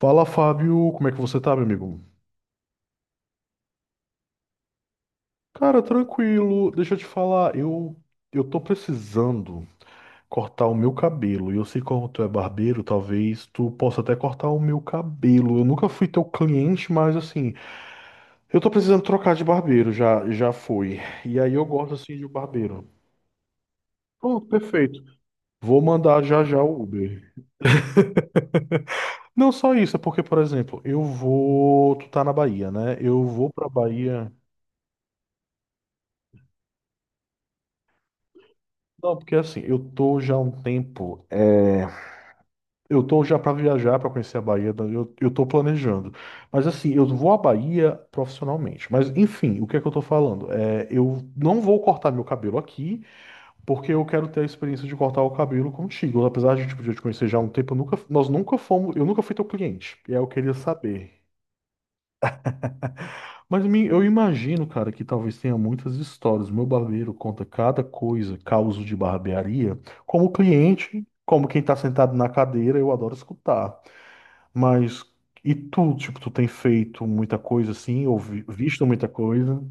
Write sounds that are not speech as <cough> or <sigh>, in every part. Fala, Fábio, como é que você tá, meu amigo? Cara, tranquilo. Deixa eu te falar, eu tô precisando cortar o meu cabelo. E eu sei como tu é barbeiro, talvez tu possa até cortar o meu cabelo. Eu nunca fui teu cliente, mas assim, eu tô precisando trocar de barbeiro, já já fui. E aí eu gosto assim de um barbeiro. Pronto, perfeito. Vou mandar já já o Uber. Não só isso, é porque, por exemplo, eu vou. Tu tá na Bahia, né? Eu vou pra Bahia. Não, porque assim, eu tô já há um tempo. Eu tô já para viajar, para conhecer a Bahia, eu tô planejando. Mas assim, eu vou à Bahia profissionalmente. Mas enfim, o que é que eu tô falando? Eu não vou cortar meu cabelo aqui, porque eu quero ter a experiência de cortar o cabelo contigo. Apesar de tipo, de eu te conhecer já há um tempo, eu nunca, nós nunca fomos, eu nunca fui teu cliente. E aí eu queria saber. Mas eu imagino, cara, que talvez tenha muitas histórias. Meu barbeiro conta cada coisa, causo de barbearia, como cliente, como quem tá sentado na cadeira, eu adoro escutar. Mas e tu, tipo, tu tem feito muita coisa assim, ou visto muita coisa?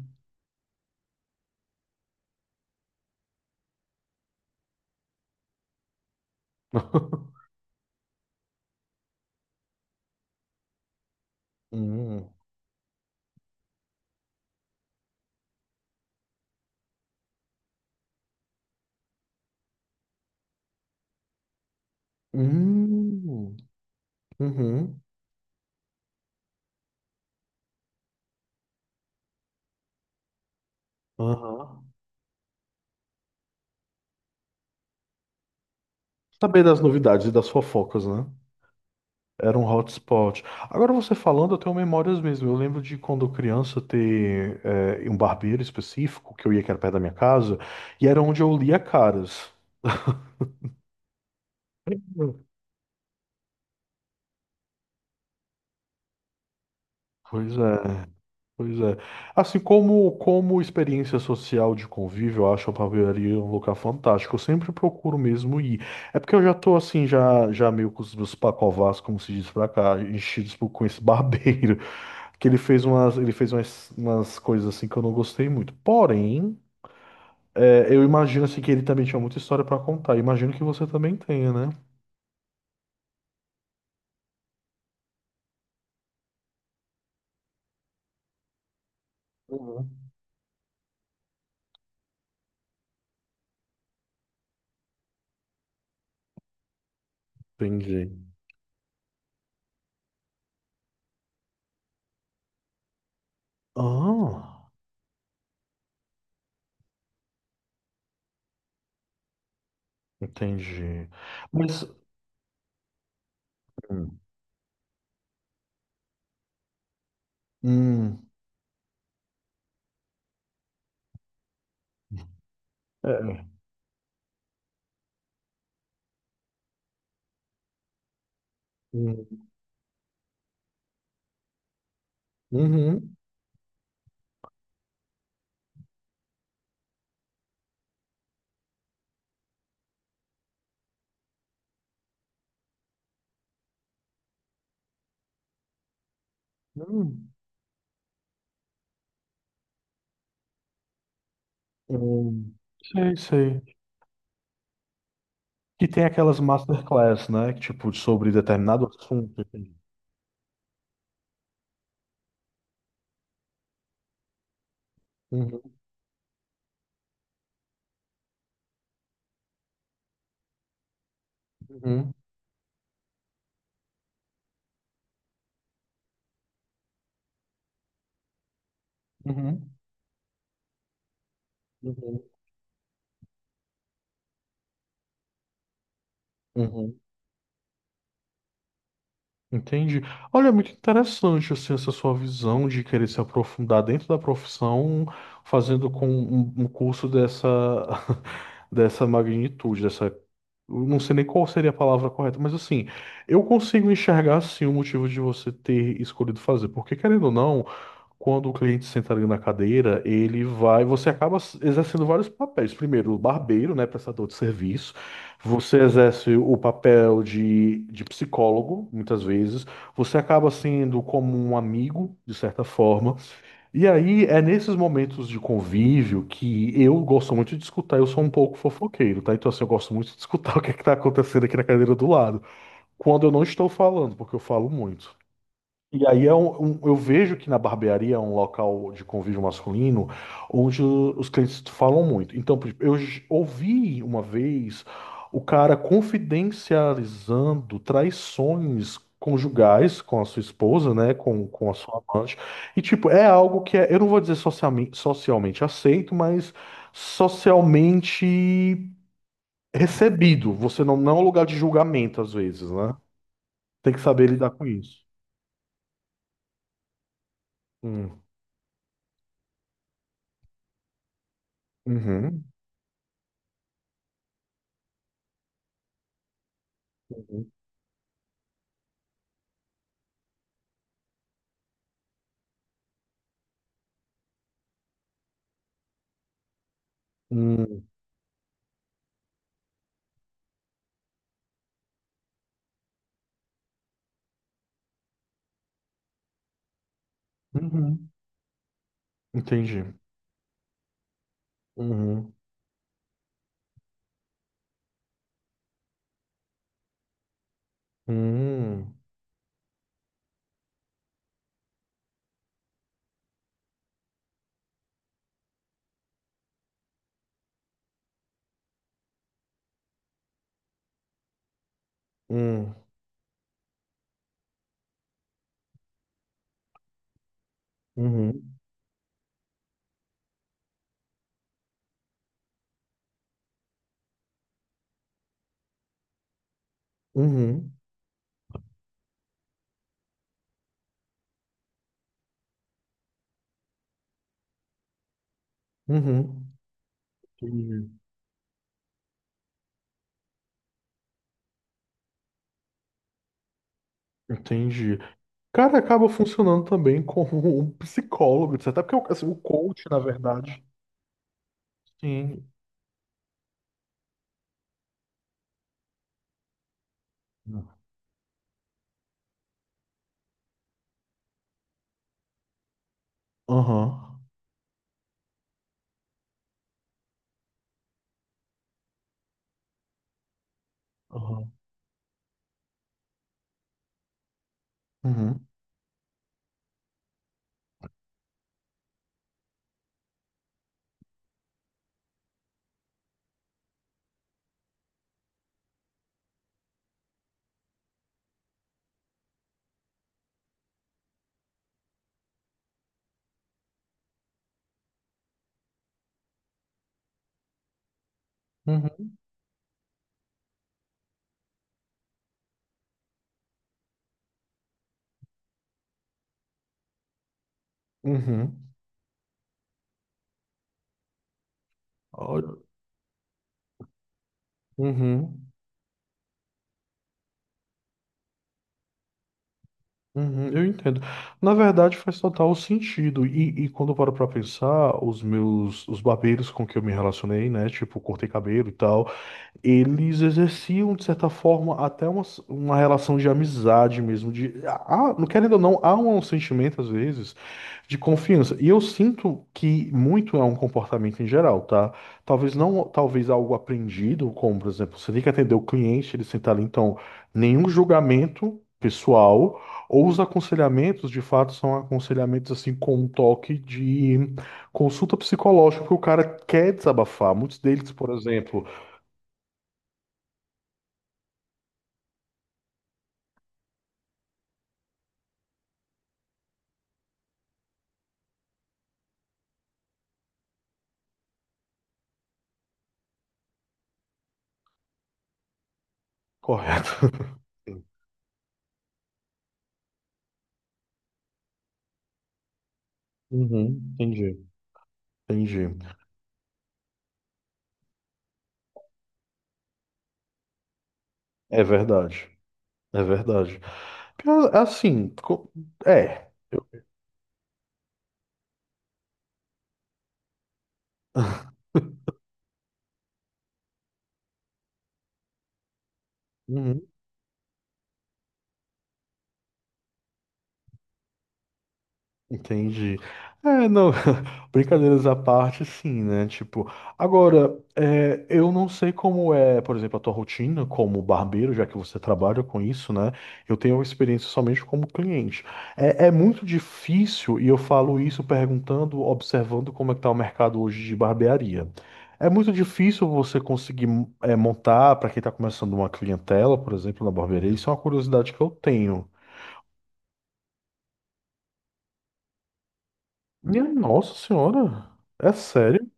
Hum. Hum. Uhum. Aham. Saber das novidades e das fofocas, né? Era um hotspot. Agora você falando, eu tenho memórias mesmo. Eu lembro de quando criança ter um barbeiro específico que eu ia que era perto da minha casa, e era onde eu lia caras. Hum. Pois é. Pois é. Assim como experiência social de convívio, eu acho a barbearia um lugar fantástico. Eu sempre procuro mesmo ir. É porque eu já tô assim, já já meio com os meus pacovás, como se diz pra cá, enchidos com esse barbeiro, <laughs> que ele fez umas coisas assim que eu não gostei muito. Porém, eu imagino assim que ele também tinha muita história pra contar. Imagino que você também tenha, né? Uhum. Entendi. Ah, entendi. Mas hum, hum, é, é. Hum, uhum. Hum, hum, sei, sei. Que tem aquelas masterclass, né? Tipo, sobre determinado assunto. Entendi. Uhum, uhum, uhum, uhum, uhum. Entendi. Olha, é muito interessante, assim, essa sua visão de querer se aprofundar dentro da profissão, fazendo com um curso <laughs> dessa magnitude. Eu não sei nem qual seria a palavra correta, mas assim, eu consigo enxergar, sim, o motivo de você ter escolhido fazer. Porque, querendo ou não, quando o cliente senta ali na cadeira, você acaba exercendo vários papéis. Primeiro, o barbeiro, né, prestador de serviço. Você exerce o papel de psicólogo, muitas vezes. Você acaba sendo como um amigo, de certa forma. E aí é nesses momentos de convívio que eu gosto muito de escutar. Eu sou um pouco fofoqueiro, tá? Então, assim, eu gosto muito de escutar <laughs> o que é que tá acontecendo aqui na cadeira do lado. Quando eu não estou falando, porque eu falo muito. E aí é eu vejo que na barbearia é um local de convívio masculino onde os clientes falam muito. Então, por exemplo, eu ouvi uma vez o cara confidencializando traições conjugais com a sua esposa, né, com a sua amante. E tipo, é algo que eu não vou dizer socialmente aceito, mas socialmente recebido. Você não é um lugar de julgamento às vezes, né? Tem que saber lidar com isso. Hum. Uhum. Hum, uhum, entendi. Uhum, hum, hum, uhum, uhum, uhum, entendi. Entendi. Cara, acaba funcionando também <laughs> como um psicólogo, etc. Até porque o assim, o coach, na verdade. Sim. Aham, aham, uhum, uhum, uhum, olha, uhum, uhum, eu entendo. Na verdade, faz total sentido. E quando eu paro pra pensar, os barbeiros com que eu me relacionei, né? Tipo, cortei cabelo e tal. Eles exerciam, de certa forma, até uma relação de amizade mesmo, não querendo ou não, há um sentimento, às vezes, de confiança. E eu sinto que muito é um comportamento em geral, tá? Talvez não, talvez algo aprendido, como, por exemplo, você tem que atender o cliente, ele sentar ali, então, nenhum julgamento pessoal, ou os aconselhamentos, de fato, são aconselhamentos, assim, com um toque de consulta psicológica, porque o cara quer desabafar. Muitos deles, por exemplo, Correto. <laughs> Uhum, entendi, entendi. É verdade, é verdade. Assim, é. Uhum. Entendi. É, não, <laughs> brincadeiras à parte, sim, né? Tipo, agora, eu não sei como é, por exemplo, a tua rotina como barbeiro, já que você trabalha com isso, né? Eu tenho experiência somente como cliente. É muito difícil, e eu falo isso perguntando, observando como é que tá o mercado hoje de barbearia. É muito difícil você conseguir montar, para quem tá começando uma clientela, por exemplo, na barbearia, isso é uma curiosidade que eu tenho. Minha nossa senhora, é sério?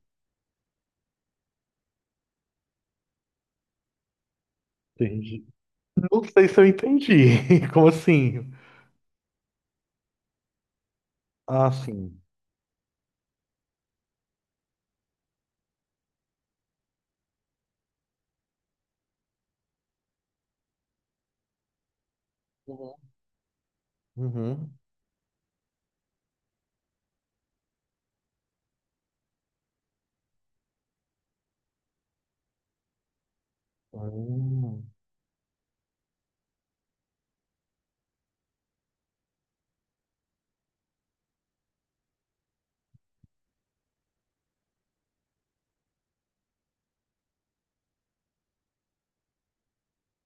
Entendi. Não sei se eu entendi. <laughs> Como assim? Ah, sim. Uhum. Uhum. Hum.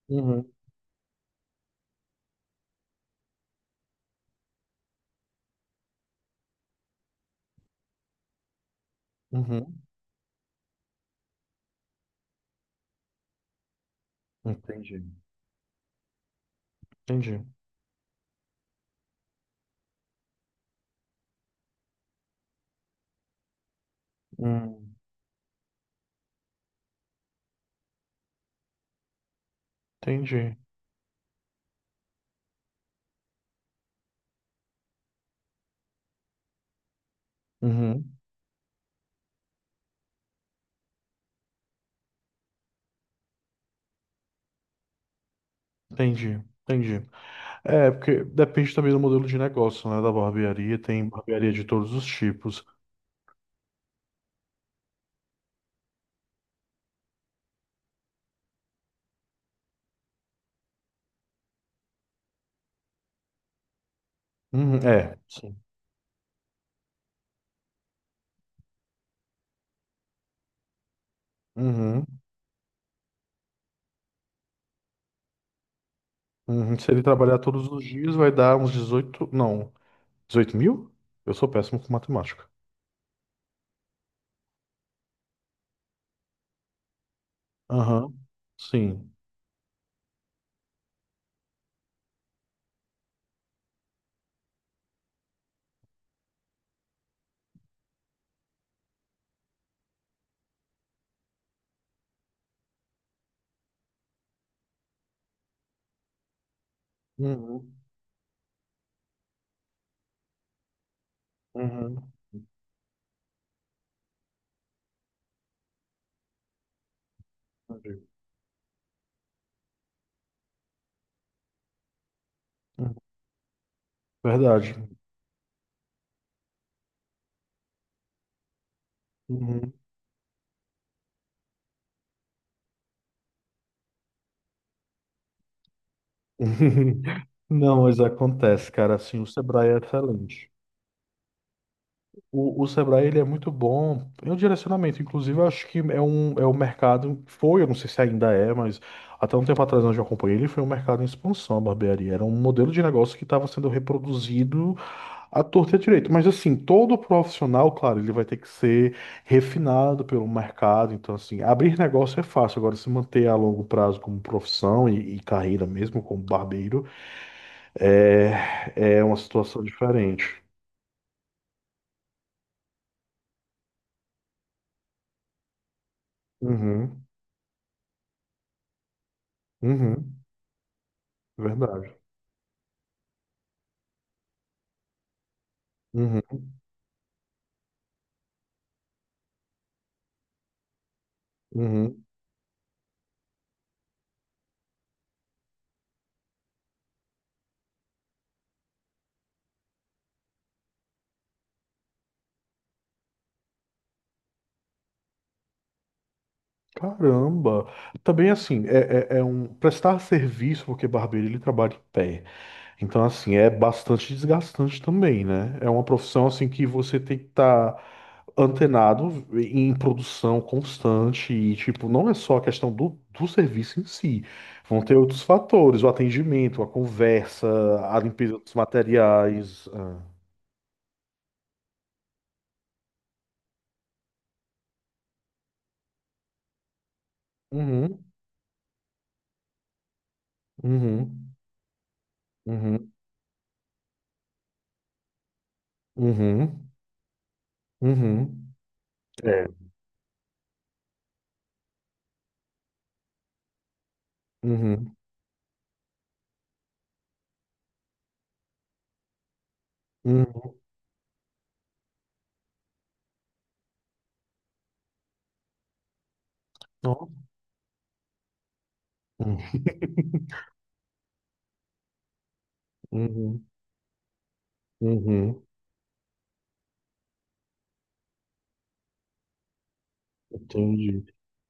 Uhum. Uhum. Entendi. Entendi. Hum. Entendi. Uhum. Entendi. Entendi. É, porque depende também do modelo de negócio, né? Da barbearia. Tem barbearia de todos os tipos. Uhum. É, sim. Uhum. Uhum. Se ele trabalhar todos os dias, vai dar uns dezoito, não, 18 mil? Eu sou péssimo com matemática. Aham. Sim. Uhum. Uhum. Entendi. Uhum. Verdade. Uhum. <laughs> Não, mas acontece, cara. Assim, o Sebrae é excelente. O Sebrae ele é muito bom em um direcionamento. Inclusive, eu acho que é um mercado, foi, eu não sei se ainda é, mas até um tempo atrás onde eu acompanhei, ele foi um mercado em expansão, a barbearia. Era um modelo de negócio que estava sendo reproduzido à torta e à direita. Mas assim, todo profissional, claro, ele vai ter que ser refinado pelo mercado. Então, assim, abrir negócio é fácil. Agora, se manter a longo prazo como profissão e carreira mesmo, como barbeiro, é, é uma situação diferente. Uhum, uhum. Verdade. Uhum, uhum. Caramba! Também assim, é um prestar serviço, porque barbeiro ele trabalha em pé. Então, assim, é bastante desgastante também, né? É uma profissão assim que você tem que estar antenado em produção constante e, tipo, não é só a questão do serviço em si. Vão ter outros fatores, o atendimento, a conversa, a limpeza dos materiais. Ah. Uhum, uhum, uhum, uhum, uhum. É. Uhum, uhum, nossa, uhum, uhum, uhum, entendi.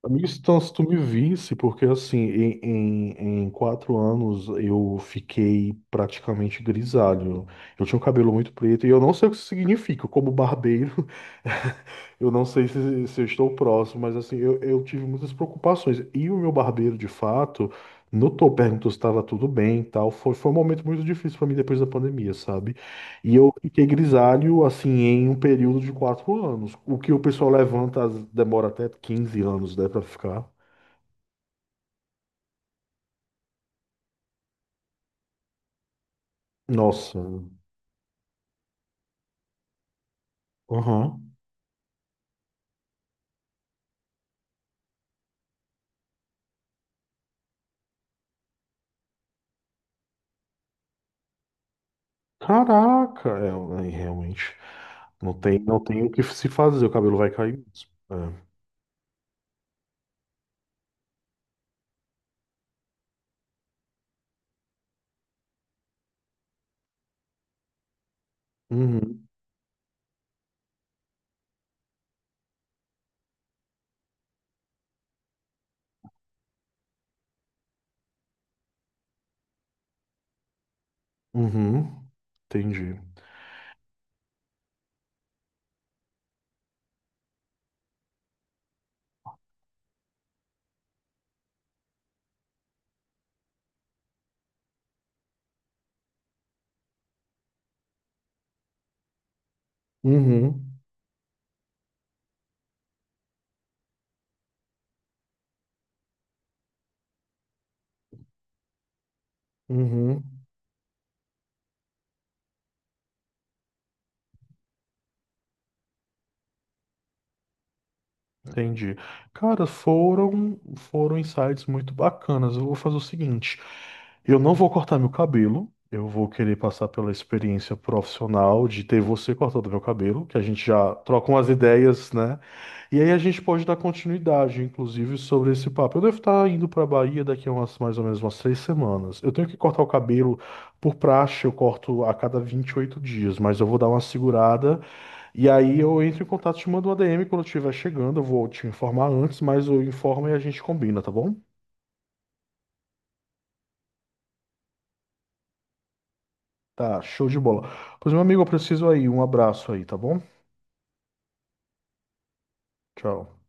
Amigo, então, se tu me visse, porque assim, em 4 anos eu fiquei praticamente grisalho. Eu tinha um cabelo muito preto e eu não sei o que isso significa, como barbeiro, eu não sei se eu estou próximo, mas assim, eu tive muitas preocupações. E o meu barbeiro, de fato, notou, perguntou se estava tudo bem e tal. Foi um momento muito difícil para mim depois da pandemia, sabe? E eu fiquei grisalho, assim, em um período de 4 anos. O que o pessoal levanta demora até 15 anos, né, para ficar. Nossa. Aham. Caraca, realmente. Não tem o que se fazer, o cabelo vai cair mesmo. É. Uhum, uhum. Entendi. Uhum, uhum. Entendi. Cara, foram insights muito bacanas. Eu vou fazer o seguinte, eu não vou cortar meu cabelo, eu vou querer passar pela experiência profissional de ter você cortando meu cabelo, que a gente já troca umas ideias, né? E aí a gente pode dar continuidade, inclusive, sobre esse papo. Eu devo estar indo para Bahia daqui a mais ou menos umas 3 semanas. Eu tenho que cortar o cabelo por praxe, eu corto a cada 28 dias, mas eu vou dar uma segurada. E aí eu entro em contato te mando um ADM quando eu estiver chegando. Eu vou te informar antes, mas eu informo e a gente combina, tá bom? Tá, show de bola. Pois, meu amigo, eu preciso aí. Um abraço aí, tá bom? Tchau.